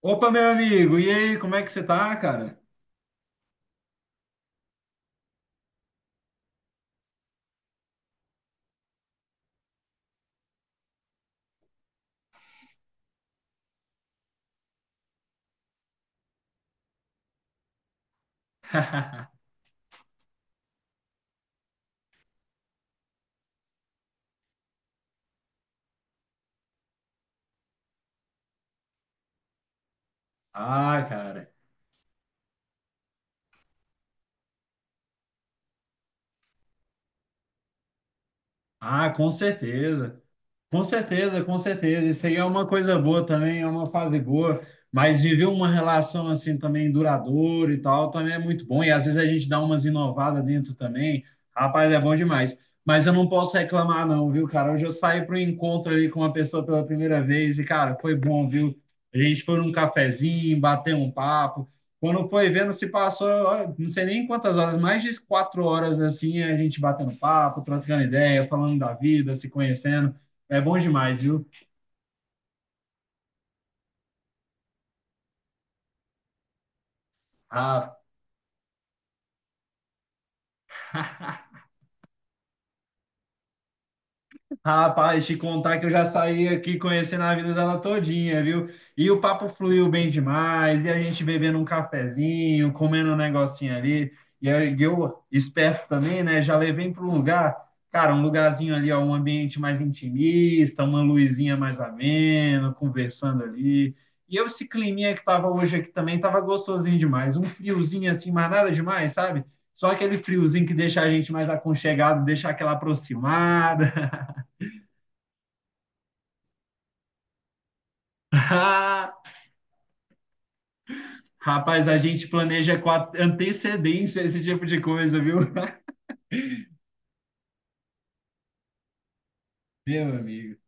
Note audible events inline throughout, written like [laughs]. Opa, meu amigo, e aí, como é que você tá, cara? [laughs] Ah, cara. Ah, com certeza. Com certeza, com certeza. Isso aí é uma coisa boa também, é uma fase boa. Mas viver uma relação assim também duradoura e tal também é muito bom. E às vezes a gente dá umas inovadas dentro também. Rapaz, é bom demais. Mas eu não posso reclamar, não, viu, cara? Hoje eu saí para um encontro ali com uma pessoa pela primeira vez e, cara, foi bom, viu? A gente foi num cafezinho, bateu um papo. Quando foi vendo, se passou, olha, não sei nem quantas horas, mais de 4 horas assim, a gente batendo papo, trocando ideia, falando da vida, se conhecendo. É bom demais, viu? Ah, rapaz, te contar que eu já saí aqui conhecendo a vida dela todinha, viu? E o papo fluiu bem demais, e a gente bebendo um cafezinho, comendo um negocinho ali. E aí eu, esperto também, né? Já levei para um lugar, cara, um lugarzinho ali, ó, um ambiente mais intimista, uma luzinha mais amena, conversando ali. E eu, esse climinha que tava hoje aqui também, tava gostosinho demais. Um friozinho assim, mas nada demais, sabe? Só aquele friozinho que deixa a gente mais aconchegado, deixa aquela aproximada. [laughs] Ah, rapaz, a gente planeja com antecedência esse tipo de coisa, viu? [laughs] Meu amigo.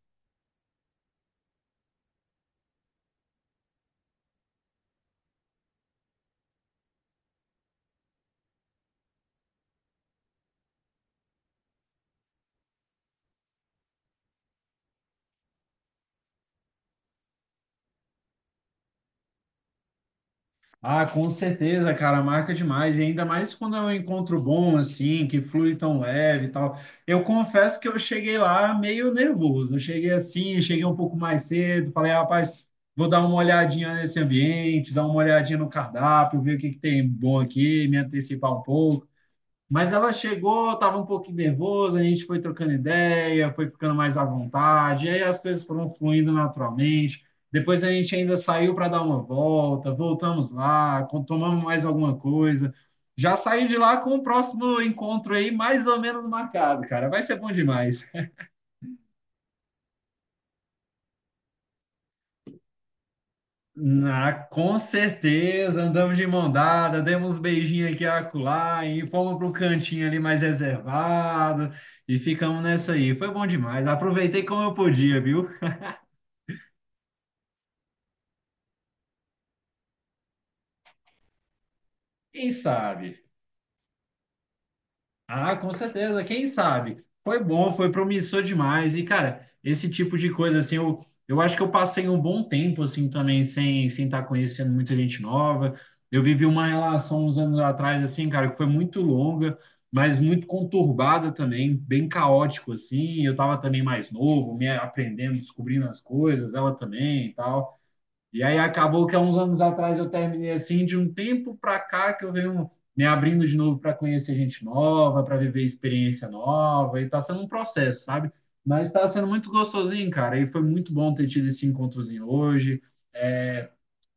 Ah, com certeza, cara, marca demais. E ainda mais quando é um encontro bom, assim, que flui tão leve e tal. Eu confesso que eu cheguei lá meio nervoso. Eu cheguei assim, cheguei um pouco mais cedo. Falei, "Ah, rapaz, vou dar uma olhadinha nesse ambiente, dar uma olhadinha no cardápio, ver o que que tem bom aqui, me antecipar um pouco. Mas ela chegou, estava um pouquinho nervosa, a gente foi trocando ideia, foi ficando mais à vontade, e aí as coisas foram fluindo naturalmente. Depois a gente ainda saiu para dar uma volta, voltamos lá, tomamos mais alguma coisa. Já saí de lá com o próximo encontro aí mais ou menos marcado, cara. Vai ser bom demais. Ah, com certeza, andamos de mão dada, demos um beijinho aqui e acolá e fomos para o cantinho ali mais reservado e ficamos nessa aí. Foi bom demais, aproveitei como eu podia, viu? Quem sabe? Ah, com certeza, quem sabe? Foi bom, foi promissor demais. E, cara, esse tipo de coisa, assim, eu acho que eu passei um bom tempo, assim, também, sem estar conhecendo muita gente nova. Eu vivi uma relação uns anos atrás, assim, cara, que foi muito longa, mas muito conturbada também, bem caótico, assim. Eu tava também mais novo, me aprendendo, descobrindo as coisas, ela também e tal. E aí acabou que há uns anos atrás eu terminei assim, de um tempo para cá que eu venho me abrindo de novo para conhecer gente nova, para viver experiência nova, e tá sendo um processo, sabe? Mas está sendo muito gostosinho, cara, e foi muito bom ter tido esse encontrozinho hoje, é,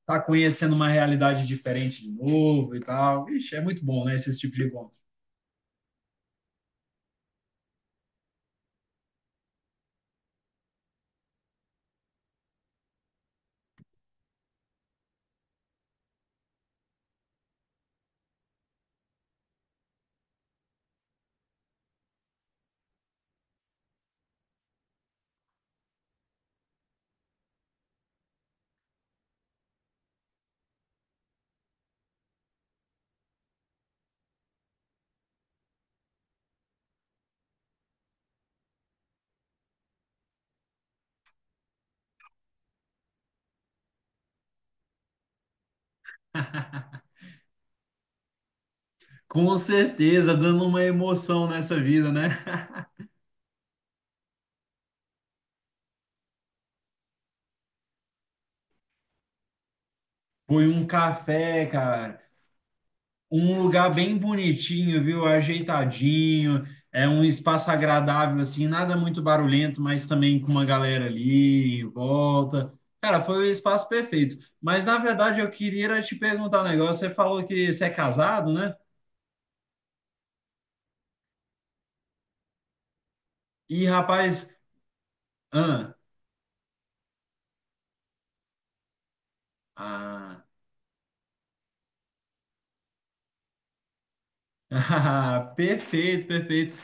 tá conhecendo uma realidade diferente de novo e tal. Ixi, é muito bom, né, esse tipo de encontro. Com certeza, dando uma emoção nessa vida, né? Foi um café, cara. Um lugar bem bonitinho, viu? Ajeitadinho, é um espaço agradável, assim, nada muito barulhento, mas também com uma galera ali em volta. Cara, foi o espaço perfeito. Mas na verdade eu queria era te perguntar um negócio. Você falou que você é casado, né? E rapaz, ah, ah, [laughs] perfeito, perfeito.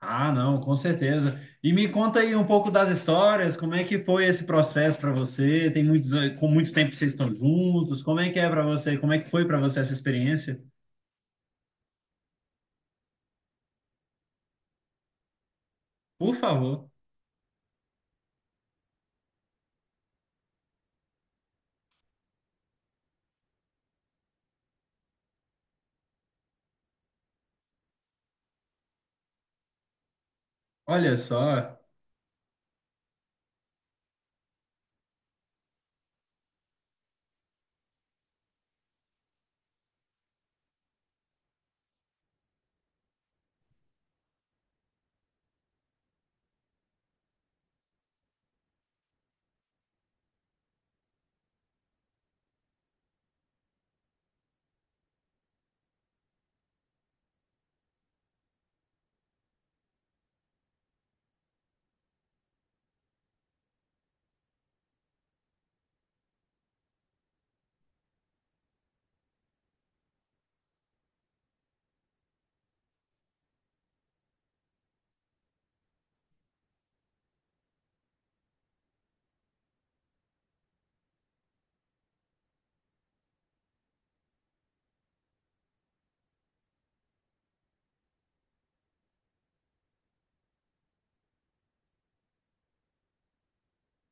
Ah, não, com certeza. E me conta aí um pouco das histórias, como é que foi esse processo para você? Tem muitos, com muito tempo que vocês estão juntos. Como é que é para você? Como é que foi para você essa experiência? Por favor. Olha só,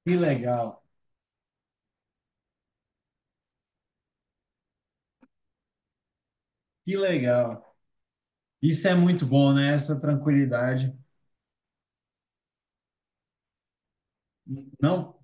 que legal, que legal. Isso é muito bom, né? Essa tranquilidade. Não.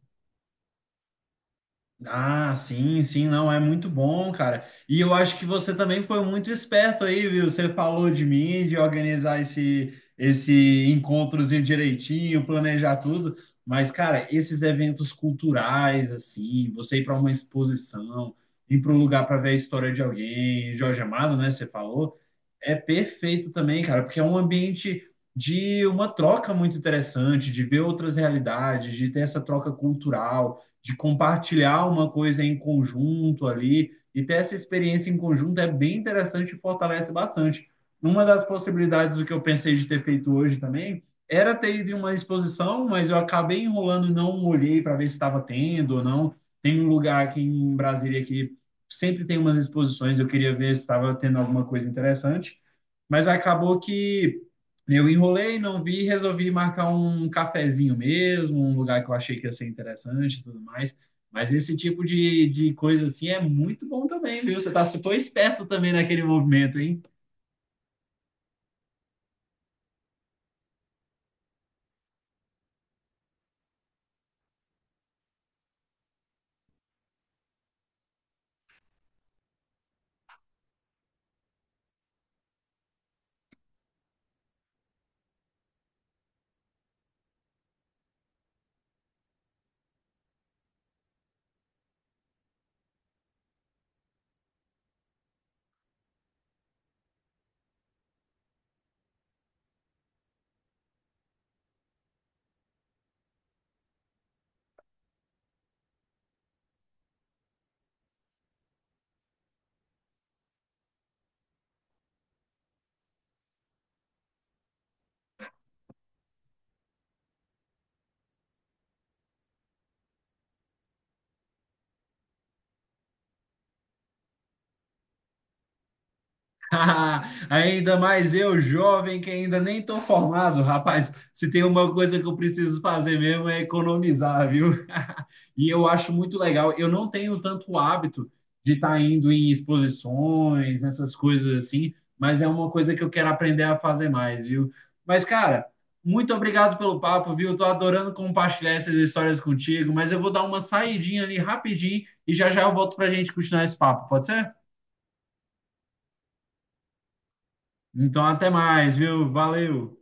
Ah, sim, sim, não, é muito bom, cara. E eu acho que você também foi muito esperto aí, viu? Você falou de mim, de organizar esse encontrozinho direitinho, planejar tudo. Mas, cara, esses eventos culturais, assim, você ir para uma exposição, ir para um lugar para ver a história de alguém, Jorge Amado, né? Você falou, é perfeito também, cara, porque é um ambiente de uma troca muito interessante, de ver outras realidades, de ter essa troca cultural de compartilhar uma coisa em conjunto ali e ter essa experiência em conjunto é bem interessante e fortalece bastante. Uma das possibilidades do que eu pensei de ter feito hoje também era ter ido em uma exposição, mas eu acabei enrolando e não olhei para ver se estava tendo ou não. Tem um lugar aqui em Brasília que sempre tem umas exposições, eu queria ver se estava tendo alguma coisa interessante, mas acabou que eu enrolei, não vi, resolvi marcar um cafezinho mesmo, um lugar que eu achei que ia ser interessante e tudo mais. Mas esse tipo de coisa assim é muito bom também, viu? Você tá, você foi esperto também naquele movimento, hein? [laughs] Ainda mais eu, jovem, que ainda nem tô formado, rapaz. Se tem uma coisa que eu preciso fazer mesmo é economizar, viu? E eu acho muito legal. Eu não tenho tanto hábito de estar indo em exposições, nessas coisas assim, mas é uma coisa que eu quero aprender a fazer mais, viu? Mas, cara, muito obrigado pelo papo, viu? Tô adorando compartilhar essas histórias contigo, mas eu vou dar uma saidinha ali rapidinho e já já eu volto pra gente continuar esse papo, pode ser? Então, até mais, viu? Valeu!